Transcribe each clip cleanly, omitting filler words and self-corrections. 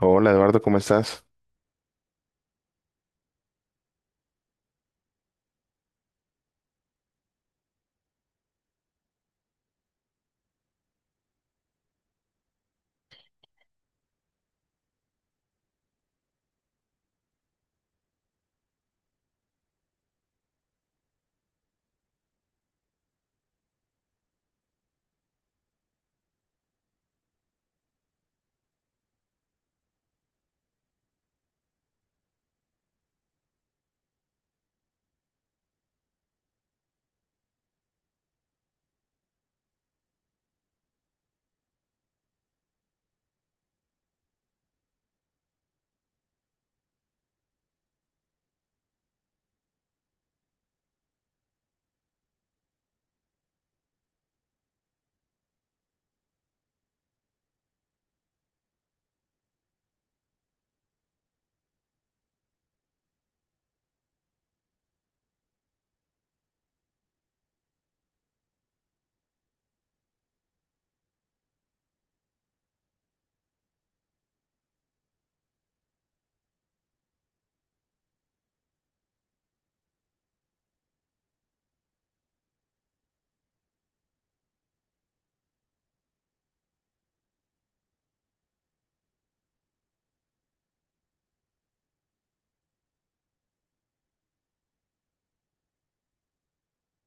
Hola Eduardo, ¿cómo estás?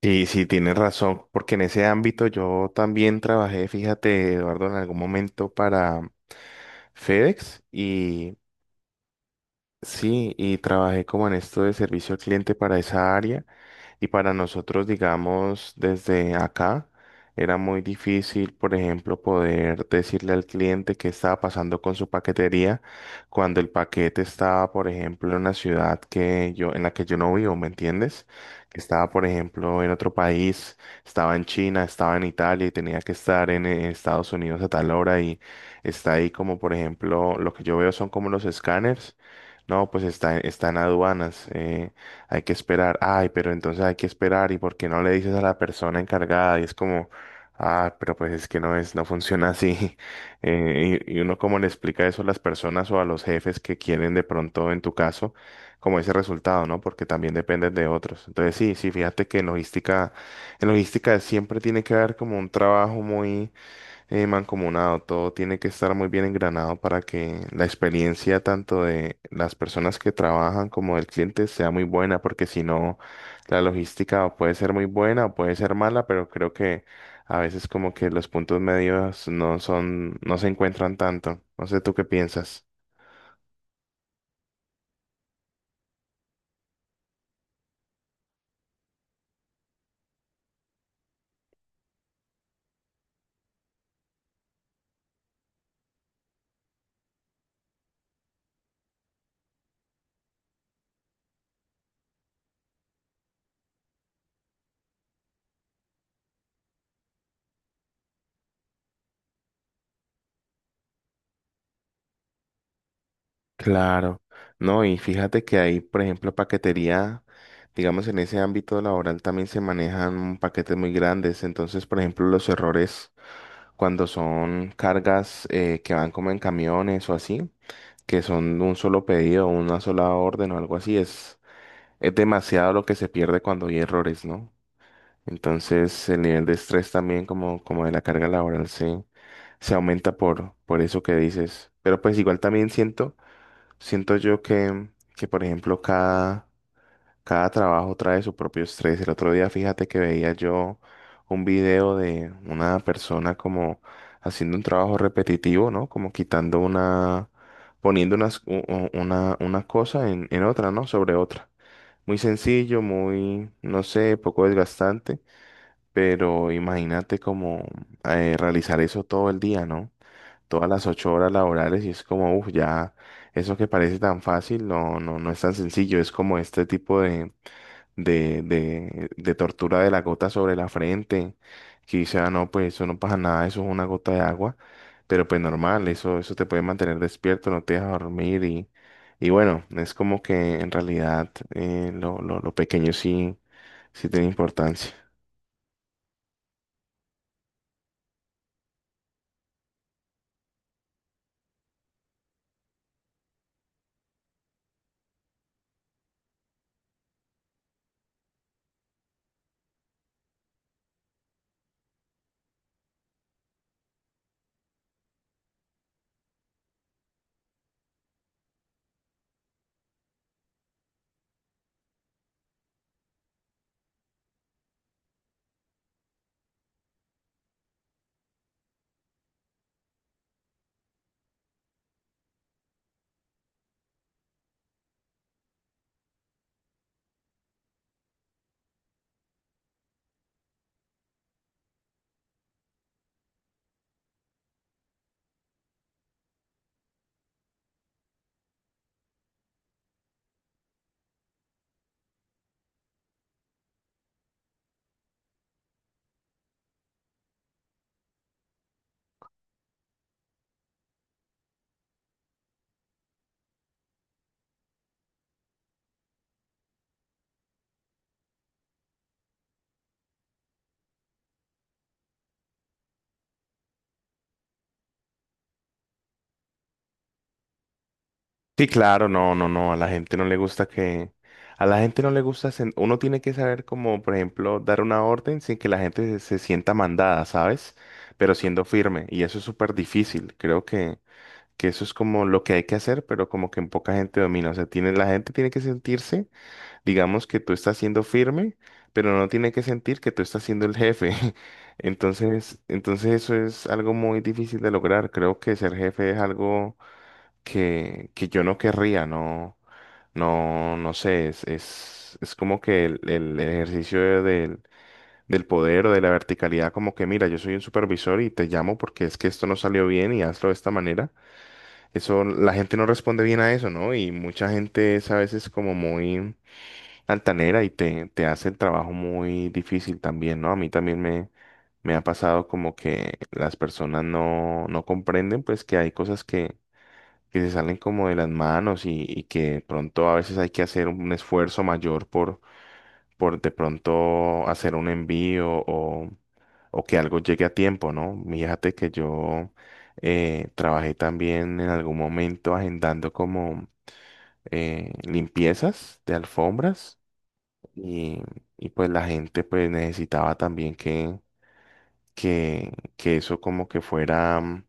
Y sí, tienes razón, porque en ese ámbito yo también trabajé, fíjate Eduardo, en algún momento para FedEx, y sí, y trabajé como en esto de servicio al cliente para esa área. Y para nosotros, digamos, desde acá, era muy difícil, por ejemplo, poder decirle al cliente qué estaba pasando con su paquetería cuando el paquete estaba, por ejemplo, en una ciudad que yo, en la que yo no vivo, ¿me entiendes? Que estaba, por ejemplo, en otro país, estaba en China, estaba en Italia y tenía que estar en Estados Unidos a tal hora, y está ahí como, por ejemplo, lo que yo veo son como los escáneres. No, pues está, está en aduanas. Hay que esperar. Ay, pero entonces hay que esperar, y por qué no le dices a la persona encargada, y es como, ah, pero pues es que no es, no funciona así. Y uno como le explica eso a las personas o a los jefes que quieren de pronto, en tu caso, como ese resultado, ¿no? Porque también dependen de otros. Entonces, sí, sí, fíjate que en logística siempre tiene que haber como un trabajo muy mancomunado, todo tiene que estar muy bien engranado para que la experiencia tanto de las personas que trabajan como del cliente sea muy buena, porque si no, la logística puede ser muy buena o puede ser mala, pero creo que a veces como que los puntos medios no son, no se encuentran tanto. No sé, ¿tú qué piensas? Claro, no, y fíjate que ahí, por ejemplo, paquetería, digamos, en ese ámbito laboral también se manejan paquetes muy grandes. Entonces, por ejemplo, los errores cuando son cargas que van como en camiones o así, que son un solo pedido, una sola orden o algo así, es demasiado lo que se pierde cuando hay errores, ¿no? Entonces, el nivel de estrés también, como, como de la carga laboral, se aumenta por eso que dices, pero pues igual también siento yo que, por ejemplo, cada trabajo trae su propio estrés. El otro día, fíjate que veía yo un video de una persona como haciendo un trabajo repetitivo, ¿no? Como quitando una, poniendo una cosa en otra, ¿no? Sobre otra. Muy sencillo, muy, no sé, poco desgastante, pero imagínate como realizar eso todo el día, ¿no? Todas las 8 horas laborales, y es como, uff, ya eso que parece tan fácil, no, no, no es tan sencillo. Es como este tipo de tortura de la gota sobre la frente, que dice, ah, no, pues eso no pasa nada, eso es una gota de agua, pero pues normal, eso te puede mantener despierto, no te deja dormir. Y bueno, es como que en realidad, lo pequeño sí, sí tiene importancia. Sí, claro, no, no, no, a la gente no le gusta que, a la gente no le gusta, uno tiene que saber como, por ejemplo, dar una orden sin que la gente se sienta mandada, ¿sabes? Pero siendo firme, y eso es súper difícil. Creo que, eso es como lo que hay que hacer, pero como que en poca gente domina, o sea, la gente tiene que sentirse, digamos, que tú estás siendo firme, pero no tiene que sentir que tú estás siendo el jefe. Entonces, entonces eso es algo muy difícil de lograr. Creo que ser jefe es algo que yo no querría, no, no, no sé, es como que el ejercicio del, del poder o de la verticalidad, como que mira, yo soy un supervisor y te llamo porque es que esto no salió bien y hazlo de esta manera. Eso, la gente no responde bien a eso, ¿no? Y mucha gente es a veces como muy altanera, y te hace el trabajo muy difícil también, ¿no? A mí también me... Me ha pasado como que las personas no comprenden pues que hay cosas que se salen como de las manos, y que de pronto a veces hay que hacer un esfuerzo mayor por de pronto hacer un envío, o que algo llegue a tiempo, ¿no? Fíjate que yo trabajé también en algún momento agendando como limpiezas de alfombras, y, y pues la gente pues necesitaba también que eso como que fuera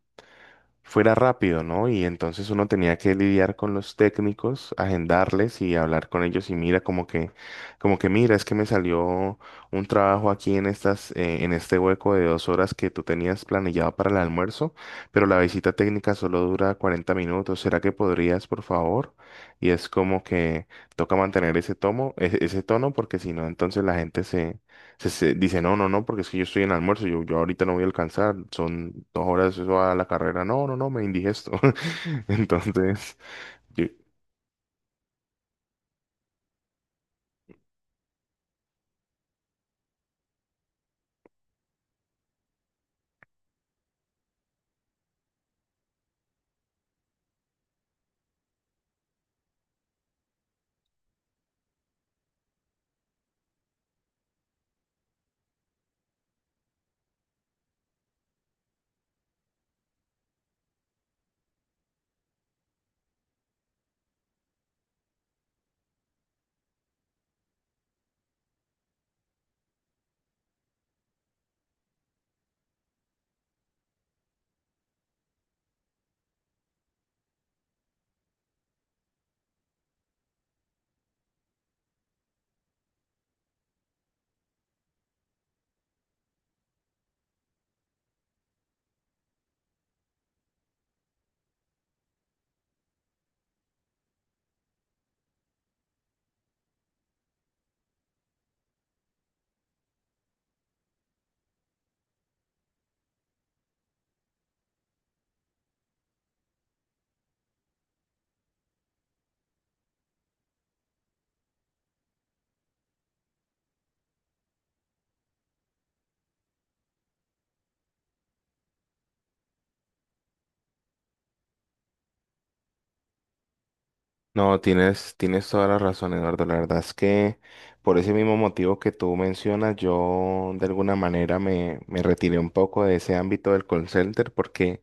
fuera rápido, ¿no? Y entonces uno tenía que lidiar con los técnicos, agendarles y hablar con ellos, y mira como que mira, es que me salió un trabajo aquí en estas, en este hueco de 2 horas que tú tenías planillado para el almuerzo, pero la visita técnica solo dura 40 minutos. ¿Será que podrías, por favor? Y es como que toca mantener ese tomo, ese tono, porque si no, entonces la gente se dice, no, no, no, porque es que yo estoy en almuerzo, yo ahorita no voy a alcanzar, son 2 horas eso a la carrera, no, no, no, me indigesto. Entonces, yo- no, tienes toda la razón, Eduardo. La verdad es que por ese mismo motivo que tú mencionas, yo de alguna manera me retiré un poco de ese ámbito del call center, porque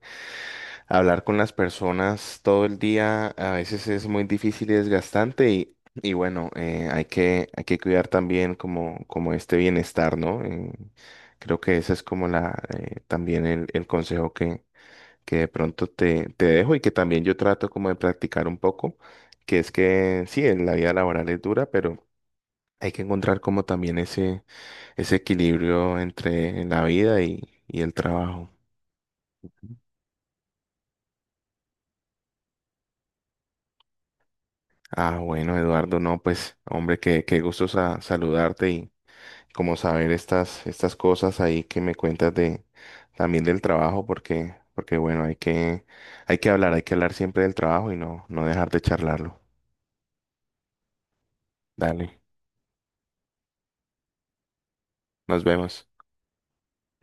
hablar con las personas todo el día a veces es muy difícil y desgastante. Y bueno, hay que cuidar también, como este bienestar, ¿no? Creo que ese es como también el consejo que de pronto te dejo, y que también yo trato como de practicar un poco, que es que sí, en la vida laboral es dura, pero hay que encontrar como también ese equilibrio entre la vida, y el trabajo. Ah, bueno, Eduardo, no, pues, hombre, qué gusto saludarte, y como saber estas cosas ahí que me cuentas de también del trabajo, porque bueno, hay que hablar, hay que hablar siempre del trabajo, y no dejar de charlarlo. Dale, nos vemos.